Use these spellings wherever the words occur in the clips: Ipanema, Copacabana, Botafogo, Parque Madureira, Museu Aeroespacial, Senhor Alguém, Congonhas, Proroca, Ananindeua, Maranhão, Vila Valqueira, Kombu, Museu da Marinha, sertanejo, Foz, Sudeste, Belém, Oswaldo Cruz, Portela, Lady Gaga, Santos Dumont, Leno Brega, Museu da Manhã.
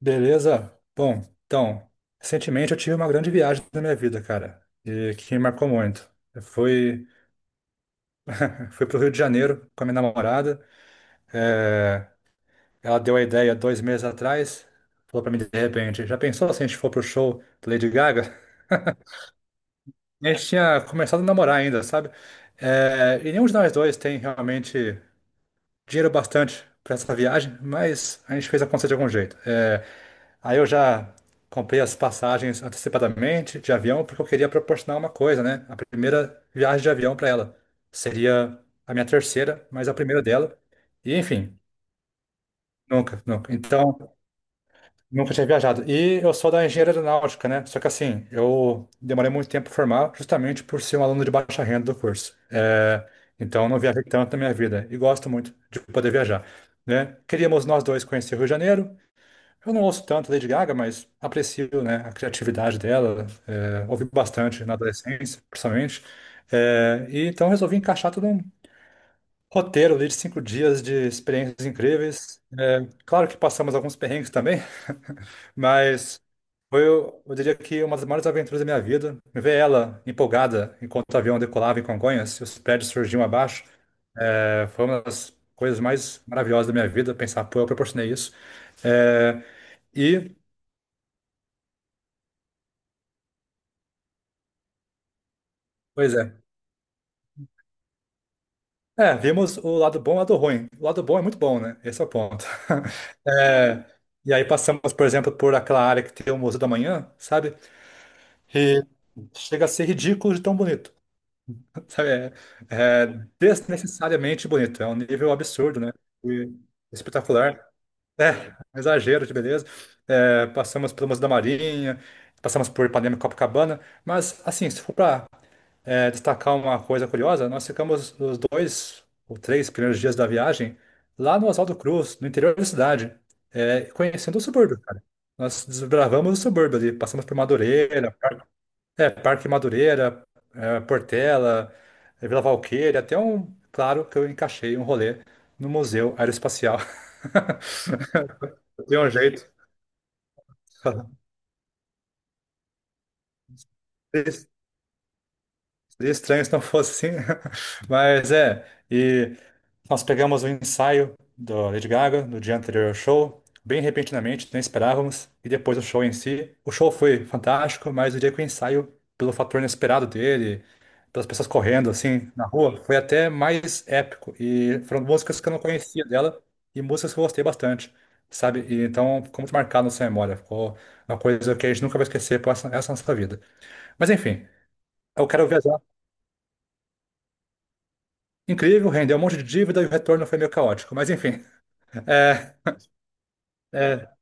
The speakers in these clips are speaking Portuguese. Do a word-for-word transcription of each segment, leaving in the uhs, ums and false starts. Beleza? Bom, então, recentemente eu tive uma grande viagem na minha vida, cara, e que me marcou muito. Eu fui, fui pro Rio de Janeiro com a minha namorada. é, Ela deu a ideia dois meses atrás, falou pra mim de repente, já pensou se a gente for pro show da Lady Gaga? E a gente tinha começado a namorar ainda, sabe? É, e nenhum de nós dois tem realmente dinheiro bastante para essa viagem, mas a gente fez acontecer de algum jeito. É, aí eu já comprei as passagens antecipadamente de avião, porque eu queria proporcionar uma coisa, né? A primeira viagem de avião para ela. Seria a minha terceira, mas a primeira dela. E enfim, nunca, nunca. Então. Nunca tinha viajado. E eu sou da engenharia aeronáutica, né? Só que assim, eu demorei muito tempo para formar, justamente por ser um aluno de baixa renda do curso. É, então, eu não viajei tanto na minha vida. E gosto muito de poder viajar, né? Queríamos nós dois conhecer o Rio de Janeiro. Eu não ouço tanto Lady Gaga, mas aprecio, né, a criatividade dela. É, ouvi bastante na adolescência, principalmente. É, e então, resolvi encaixar tudo. Roteiro ali de cinco dias de experiências incríveis. É, claro que passamos alguns perrengues também, mas foi, eu diria que uma das maiores aventuras da minha vida. Ver ela empolgada enquanto o avião decolava em Congonhas e os prédios surgiam abaixo, é, foi uma das coisas mais maravilhosas da minha vida. Pensar, pô, eu proporcionei isso. É, e, Pois é. É, vimos o lado bom e o lado ruim. O lado bom é muito bom, né? Esse é o ponto. É, e aí passamos, por exemplo, por aquela área que tem o Museu da Manhã, sabe? E chega a ser ridículo de tão bonito. Sabe? É, é desnecessariamente bonito. É um nível absurdo, né? E espetacular. É, Um exagero de beleza. É, passamos pelo Museu da Marinha, passamos por Ipanema e Copacabana. Mas, assim, se for para é, destacar uma coisa curiosa, nós ficamos os dois ou três primeiros dias da viagem lá no Oswaldo Cruz, no interior da cidade, é, conhecendo o subúrbio, cara. Nós desbravamos o subúrbio ali, passamos por Madureira, Par- é, Parque Madureira, é, Portela, é, Vila Valqueira, até um, claro, que eu encaixei um rolê no Museu Aeroespacial. Deu um jeito. Seria estranho se não fosse assim. Mas é, e nós pegamos o ensaio do Lady Gaga no dia anterior ao show, bem repentinamente, nem esperávamos, e depois o show em si. O show foi fantástico, mas o dia que o ensaio, pelo fator inesperado dele, pelas pessoas correndo assim na rua, foi até mais épico. E foram músicas que eu não conhecia dela e músicas que eu gostei bastante, sabe? E então ficou muito marcado na sua memória, ficou uma coisa que a gente nunca vai esquecer por essa essa nossa vida. Mas enfim, eu quero viajar. Incrível, rendeu um monte de dívida e o retorno foi meio caótico. Mas enfim, é, é,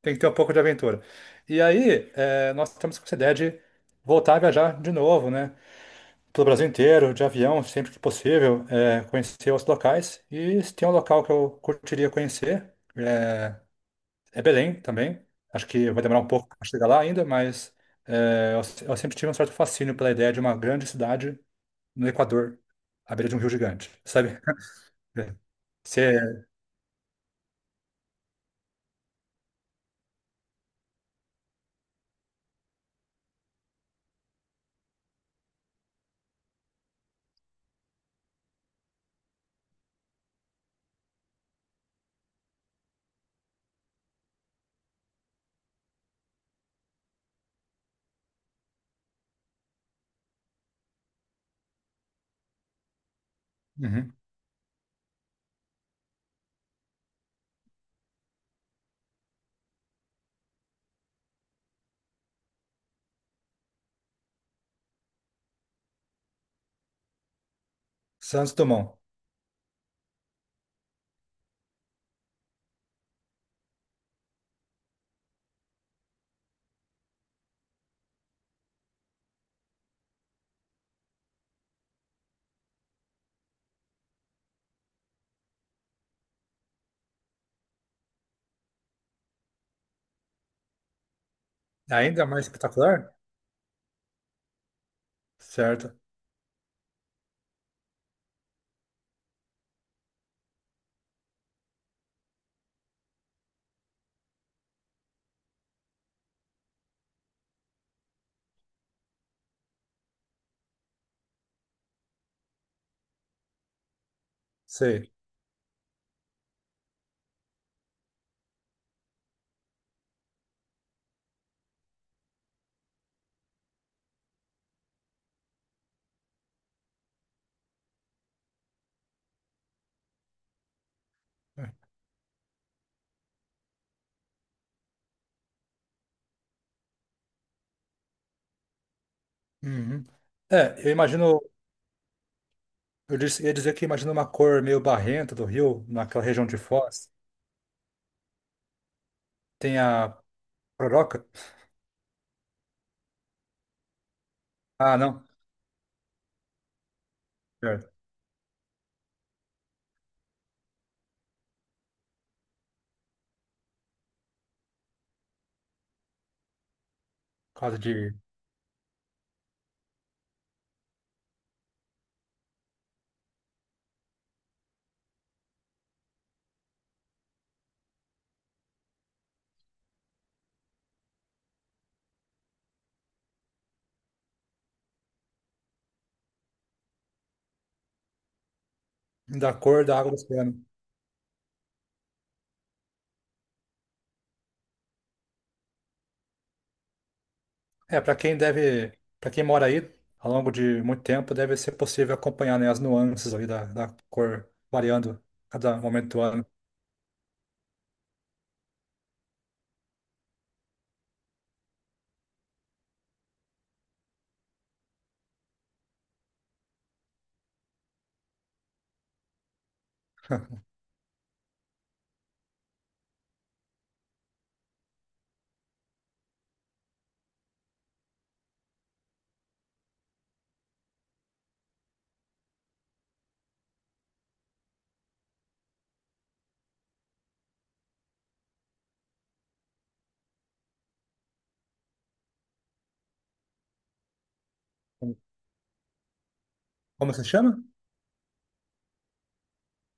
Tem que ter um pouco de aventura. E aí, é, nós estamos com essa ideia de voltar a viajar de novo, né? Pelo Brasil inteiro, de avião, sempre que possível, é, conhecer os locais. E se tem um local que eu curtiria conhecer, é, é Belém também. Acho que vai demorar um pouco para chegar lá ainda, mas é, eu, se- eu sempre tive um certo fascínio pela ideia de uma grande cidade no Equador, à beira de um rio gigante, sabe? Você. Uhum. Santos Dumont. Ainda mais espetacular? Certo. Sei. Uhum. É, eu imagino, eu disse- ia dizer que imagino uma cor meio barrenta do rio, naquela região de Foz. Tem a Proroca? Ah, não. Certo. Por causa de, da cor da água do oceano. É, para quem deve, para quem mora aí ao longo de muito tempo, deve ser possível acompanhar, né, as nuances ali da, da cor variando a cada momento do ano. Como se chama?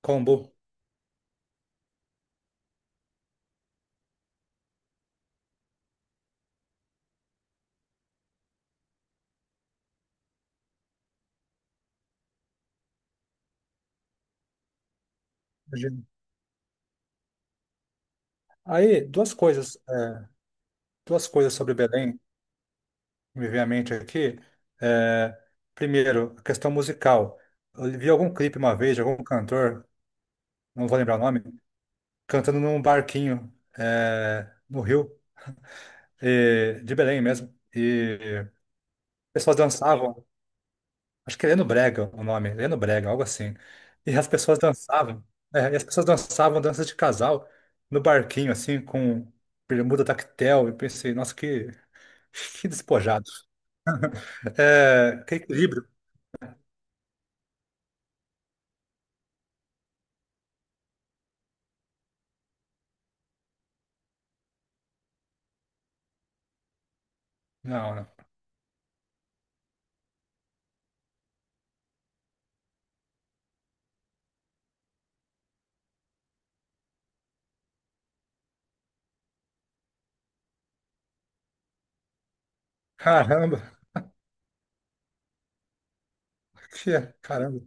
Kombu. Imagino. Aí, duas coisas. é, duas coisas sobre Belém me vem à mente aqui. É, Primeiro, a questão musical. Eu vi algum clipe uma vez de algum cantor, não vou lembrar o nome, cantando num barquinho, é, no Rio, e- de Belém mesmo. E pessoas dançavam, acho que é Leno Brega o nome, Leno Brega, algo assim. E as pessoas dançavam, é, e as pessoas dançavam danças de casal no barquinho, assim, com bermuda tactel. E pensei, nossa, que, que despojado. É, que equilíbrio. Não, não. Caramba. Que é, caramba.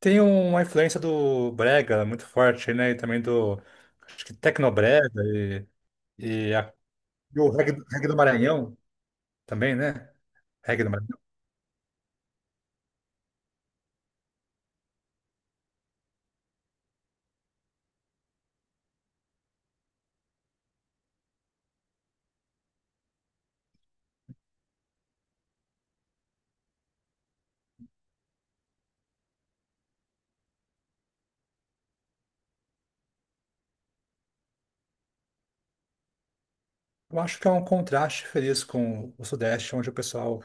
Tem uma influência do brega muito forte, né? E também do, acho que tecnobrega e, e, a- e o reggae, do reggae do Maranhão também, né? Reggae do Maranhão. Eu acho que é um contraste feliz com o Sudeste, onde o pessoal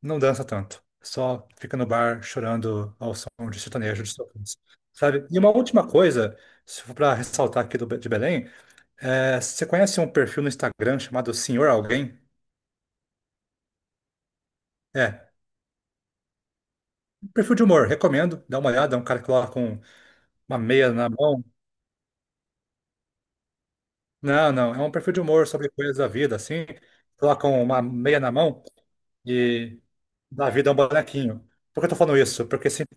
não dança tanto. Só fica no bar chorando ao som de sertanejo de sofrência, sabe? E uma última coisa, se for para ressaltar aqui do, Be- de Belém, é, você conhece um perfil no Instagram chamado Senhor Alguém? É. Perfil de humor, recomendo. Dá uma olhada, é um cara que coloca um- uma meia na mão. Não, não, é um perfil de humor sobre coisas da vida, assim. Colocam uma meia na mão e dá vida a um bonequinho. Por que eu tô falando isso? Porque sempre,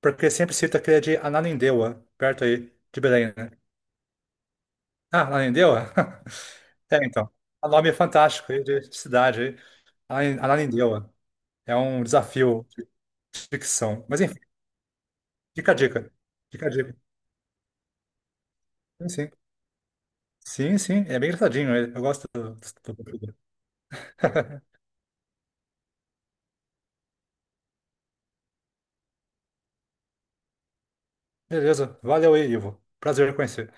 porque sempre cita aquele de Ananindeua, perto aí de Belém, né? Ah, Ananindeua? É, então. O nome é fantástico aí de cidade aí. Ana- Ananindeua. É um desafio de ficção. Mas enfim, fica a dica. Fica a dica. Sim, sim. Sim, sim, é bem engraçadinho ele. Eu gosto do, do, do- do- Beleza, valeu aí, Ivo. Prazer em conhecer.